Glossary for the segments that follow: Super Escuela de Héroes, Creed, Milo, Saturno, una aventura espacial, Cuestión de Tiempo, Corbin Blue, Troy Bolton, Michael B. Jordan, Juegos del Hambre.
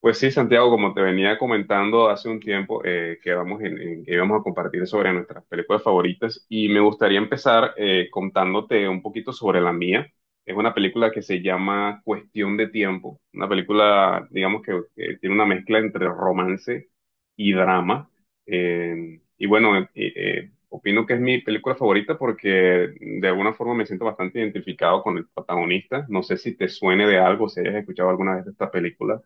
Pues sí, Santiago, como te venía comentando hace un tiempo, que vamos que íbamos a compartir sobre nuestras películas favoritas y me gustaría empezar, contándote un poquito sobre la mía. Es una película que se llama Cuestión de Tiempo, una película, digamos que tiene una mezcla entre romance y drama. Bueno, opino que es mi película favorita porque de alguna forma me siento bastante identificado con el protagonista. No sé si te suene de algo, si hayas escuchado alguna vez de esta película.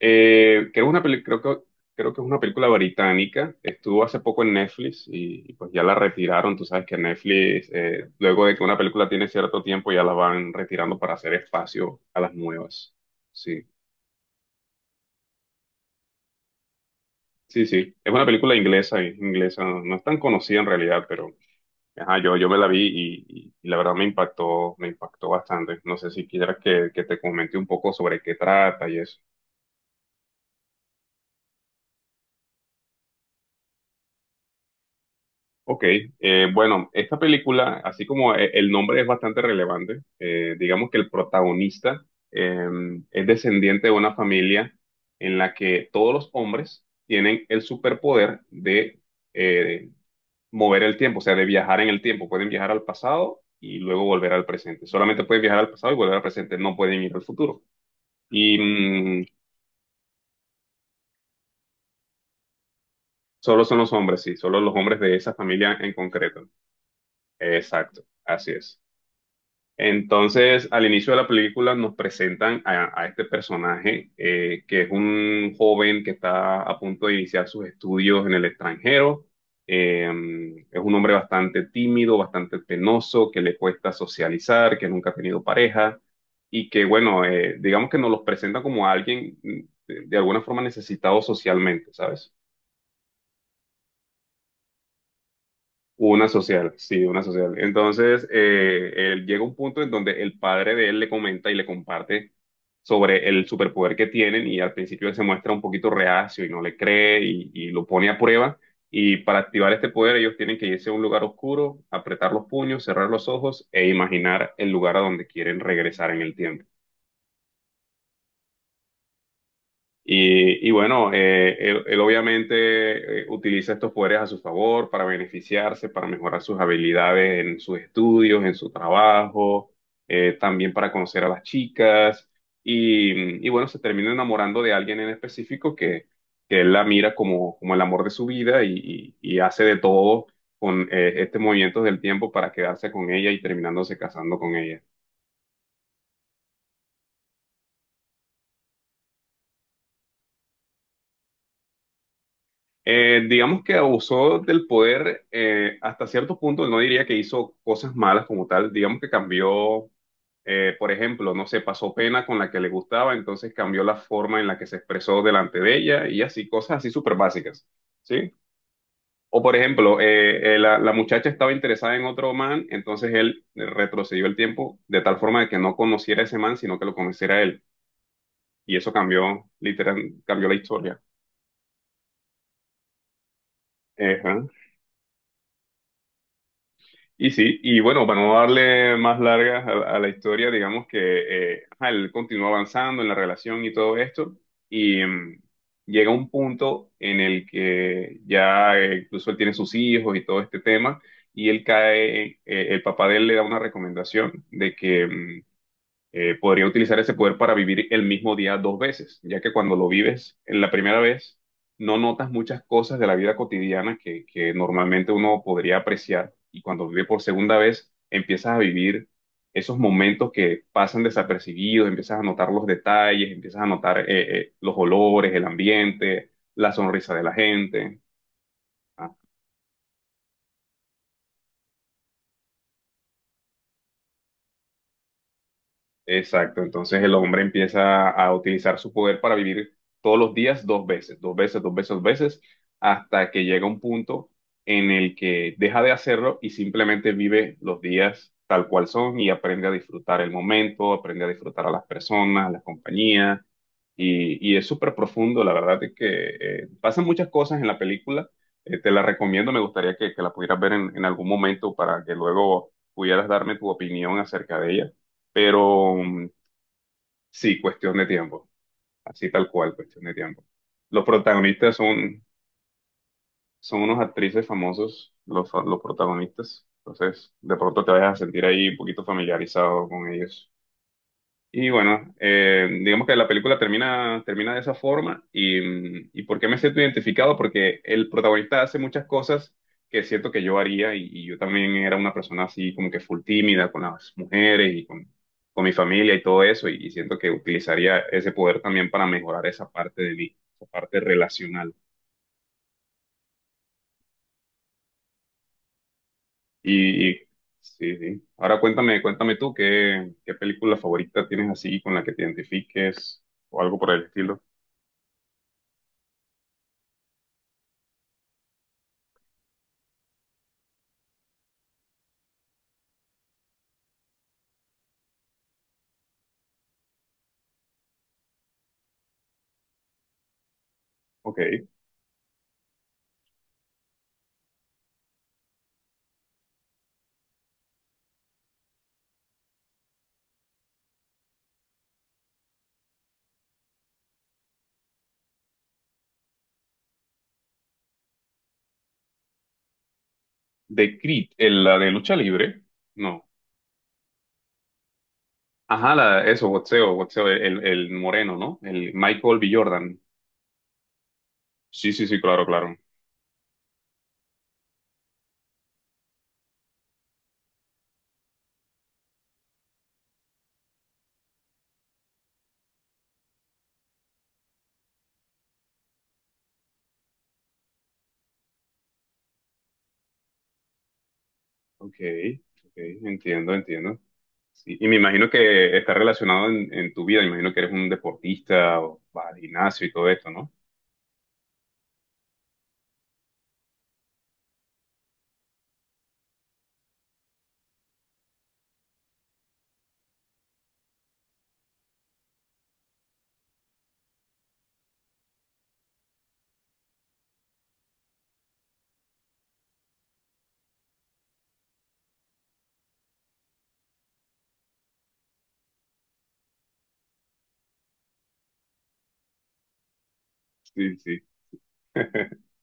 Creo, una peli- creo que, Creo que es una película británica. Estuvo hace poco en Netflix y pues ya la retiraron. Tú sabes que Netflix, luego de que una película tiene cierto tiempo, ya la van retirando para hacer espacio a las nuevas. Sí, sí, sí. Es una película inglesa, inglesa. No, no es tan conocida en realidad, pero ajá, yo me la vi y la verdad me impactó bastante. No sé si quieras que te comente un poco sobre qué trata y eso. Ok, bueno, esta película, así como el nombre es bastante relevante, digamos que el protagonista eh, es descendiente de una familia en la que todos los hombres tienen el superpoder de, eh, mover el tiempo, o sea, de viajar en el tiempo. Pueden viajar al pasado y luego volver al presente. Solamente pueden viajar al pasado y volver al presente, no pueden ir al futuro. Y mm, solo son los hombres, sí, solo los hombres de esa familia en concreto. Exacto, así es. Entonces, al inicio de la película nos presentan a este personaje, que es un joven que está a punto de iniciar sus estudios en el extranjero. Eh, es un hombre bastante tímido, bastante penoso, que le cuesta socializar, que nunca ha tenido pareja y que, bueno, digamos que nos los presenta como alguien, de alguna forma necesitado socialmente, ¿sabes? Una social, sí, una social. Entonces, él llega un punto en donde el padre de él le comenta y le comparte sobre el superpoder que tienen y al principio él se muestra un poquito reacio y no le cree y lo pone a prueba. Y para activar este poder ellos tienen que irse a un lugar oscuro, apretar los puños, cerrar los ojos e imaginar el lugar a donde quieren regresar en el tiempo. Bueno, él obviamente, utiliza estos poderes a su favor para beneficiarse, para mejorar sus habilidades en sus estudios, en su trabajo, también para conocer a las chicas. Bueno, se termina enamorando de alguien en específico que él la mira como, como el amor de su vida y hace de todo con, este movimiento del tiempo para quedarse con ella y terminándose casando con ella. Digamos que abusó del poder, hasta cierto punto, no diría que hizo cosas malas como tal, digamos que cambió, por ejemplo, no sé, pasó pena con la que le gustaba, entonces cambió la forma en la que se expresó delante de ella y así, cosas así súper básicas, ¿sí? O por ejemplo, la muchacha estaba interesada en otro man, entonces él retrocedió el tiempo de tal forma de que no conociera a ese man, sino que lo conociera a él. Y eso cambió, literal, cambió la historia. Ajá. Y sí, y bueno, para no darle más largas a la historia, digamos que, ajá, él continúa avanzando en la relación y todo esto, y llega un punto en el que ya, incluso él tiene sus hijos y todo este tema, y él cae, el papá de él le da una recomendación de que, podría utilizar ese poder para vivir el mismo día dos veces, ya que cuando lo vives en la primera vez, no notas muchas cosas de la vida cotidiana que normalmente uno podría apreciar y cuando vive por segunda vez, empiezas a vivir esos momentos que pasan desapercibidos, empiezas a notar los detalles, empiezas a notar, los olores, el ambiente, la sonrisa de la gente. ¿Ah? Exacto, entonces el hombre empieza a utilizar su poder para vivir todos los días dos veces, dos veces, dos veces, dos veces, hasta que llega un punto en el que deja de hacerlo y simplemente vive los días tal cual son y aprende a disfrutar el momento, aprende a disfrutar a las personas, a la compañía, es súper profundo, la verdad es que, pasan muchas cosas en la película. Te la recomiendo, me gustaría que la pudieras ver en algún momento para que luego pudieras darme tu opinión acerca de ella, pero sí, cuestión de tiempo, así tal cual, cuestión de tiempo. Los protagonistas son, son unos actrices famosos, los protagonistas, entonces de pronto te vas a sentir ahí un poquito familiarizado con ellos. Y bueno, digamos que la película termina, termina de esa forma y, y ¿por qué me siento identificado? Porque el protagonista hace muchas cosas que siento que yo haría y yo también era una persona así como que full tímida con las mujeres y con mi familia y todo eso y siento que utilizaría ese poder también para mejorar esa parte de mí, esa parte relacional. Y, y sí, sí. Ahora cuéntame, cuéntame tú qué, qué película favorita tienes así con la que te identifiques o algo por el estilo. Ok. De Creed, la de lucha libre, no. Ajá, la, eso, boxeo, boxeo, el moreno, ¿no? El Michael B. Jordan. Sí, sí, sí, claro, claro. Ok, ok, entiendo, entiendo. Sí, y me imagino que está relacionado en tu vida, me imagino que eres un deportista o vas al gimnasio y todo esto, ¿no? Sí, sí.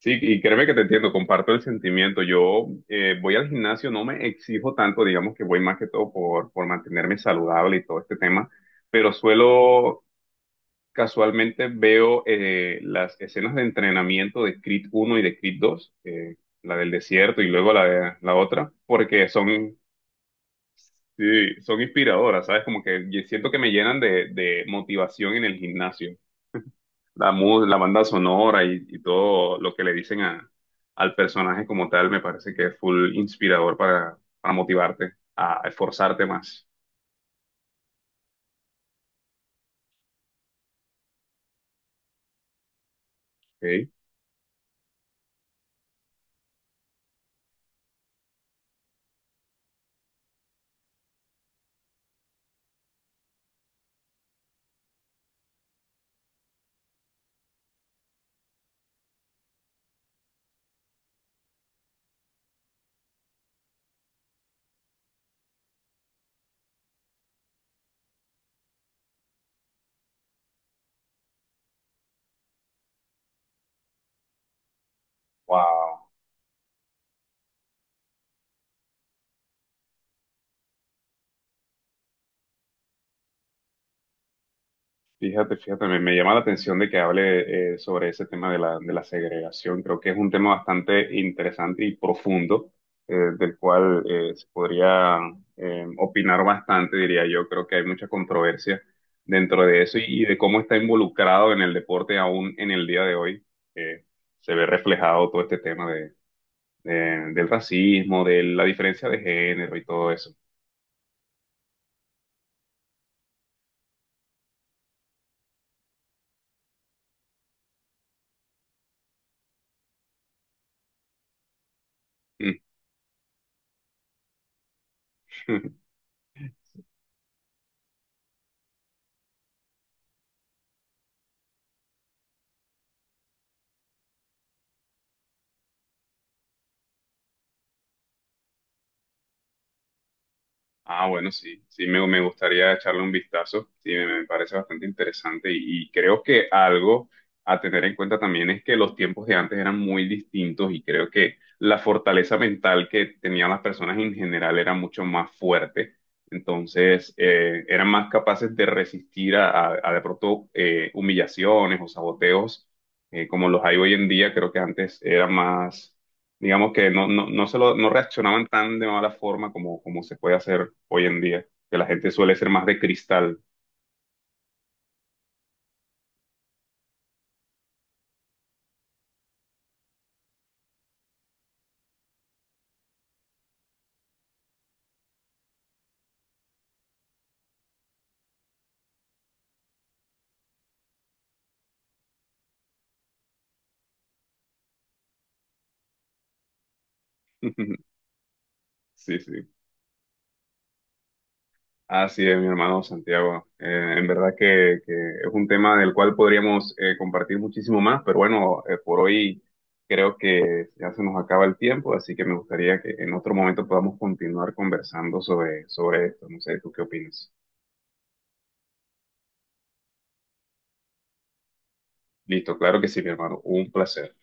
Sí, y créeme que te entiendo, comparto el sentimiento. Yo, voy al gimnasio, no me exijo tanto, digamos que voy más que todo por mantenerme saludable y todo este tema, pero suelo casualmente veo, las escenas de entrenamiento de Creed uno y de Creed dos, la del desierto y luego la, la otra, porque son, sí, son inspiradoras, ¿sabes? Como que siento que me llenan de motivación en el gimnasio. La, la banda sonora y todo lo que le dicen al personaje como tal me parece que es full inspirador para motivarte a esforzarte más. ¿Ok? Wow. Fíjate, fíjate, me llama la atención de que hable, sobre ese tema de la segregación. Creo que es un tema bastante interesante y profundo, del cual, se podría, opinar bastante, diría yo. Creo que hay mucha controversia dentro de eso y de cómo está involucrado en el deporte aún en el día de hoy. Eh, Se ve reflejado todo este tema de, del racismo, de la diferencia de género y todo eso. Ah, bueno, sí, sí, me gustaría echarle un vistazo, sí, me parece bastante interesante y creo que algo a tener en cuenta también es que los tiempos de antes eran muy distintos y creo que la fortaleza mental que tenían las personas en general era mucho más fuerte, entonces, eran más capaces de resistir a de pronto, humillaciones o saboteos, como los hay hoy en día, creo que antes era más, digamos que no, no, no, no reaccionaban tan de mala forma como, como se puede hacer hoy en día, que la gente suele ser más de cristal. Sí, sí. Así es, mi hermano Santiago. En verdad que es un tema del cual podríamos, compartir muchísimo más, pero bueno, por hoy creo que ya se nos acaba el tiempo, así que me gustaría que en otro momento podamos continuar conversando sobre, sobre esto. No sé, ¿tú qué opinas? Listo, claro que sí, mi hermano. Un placer.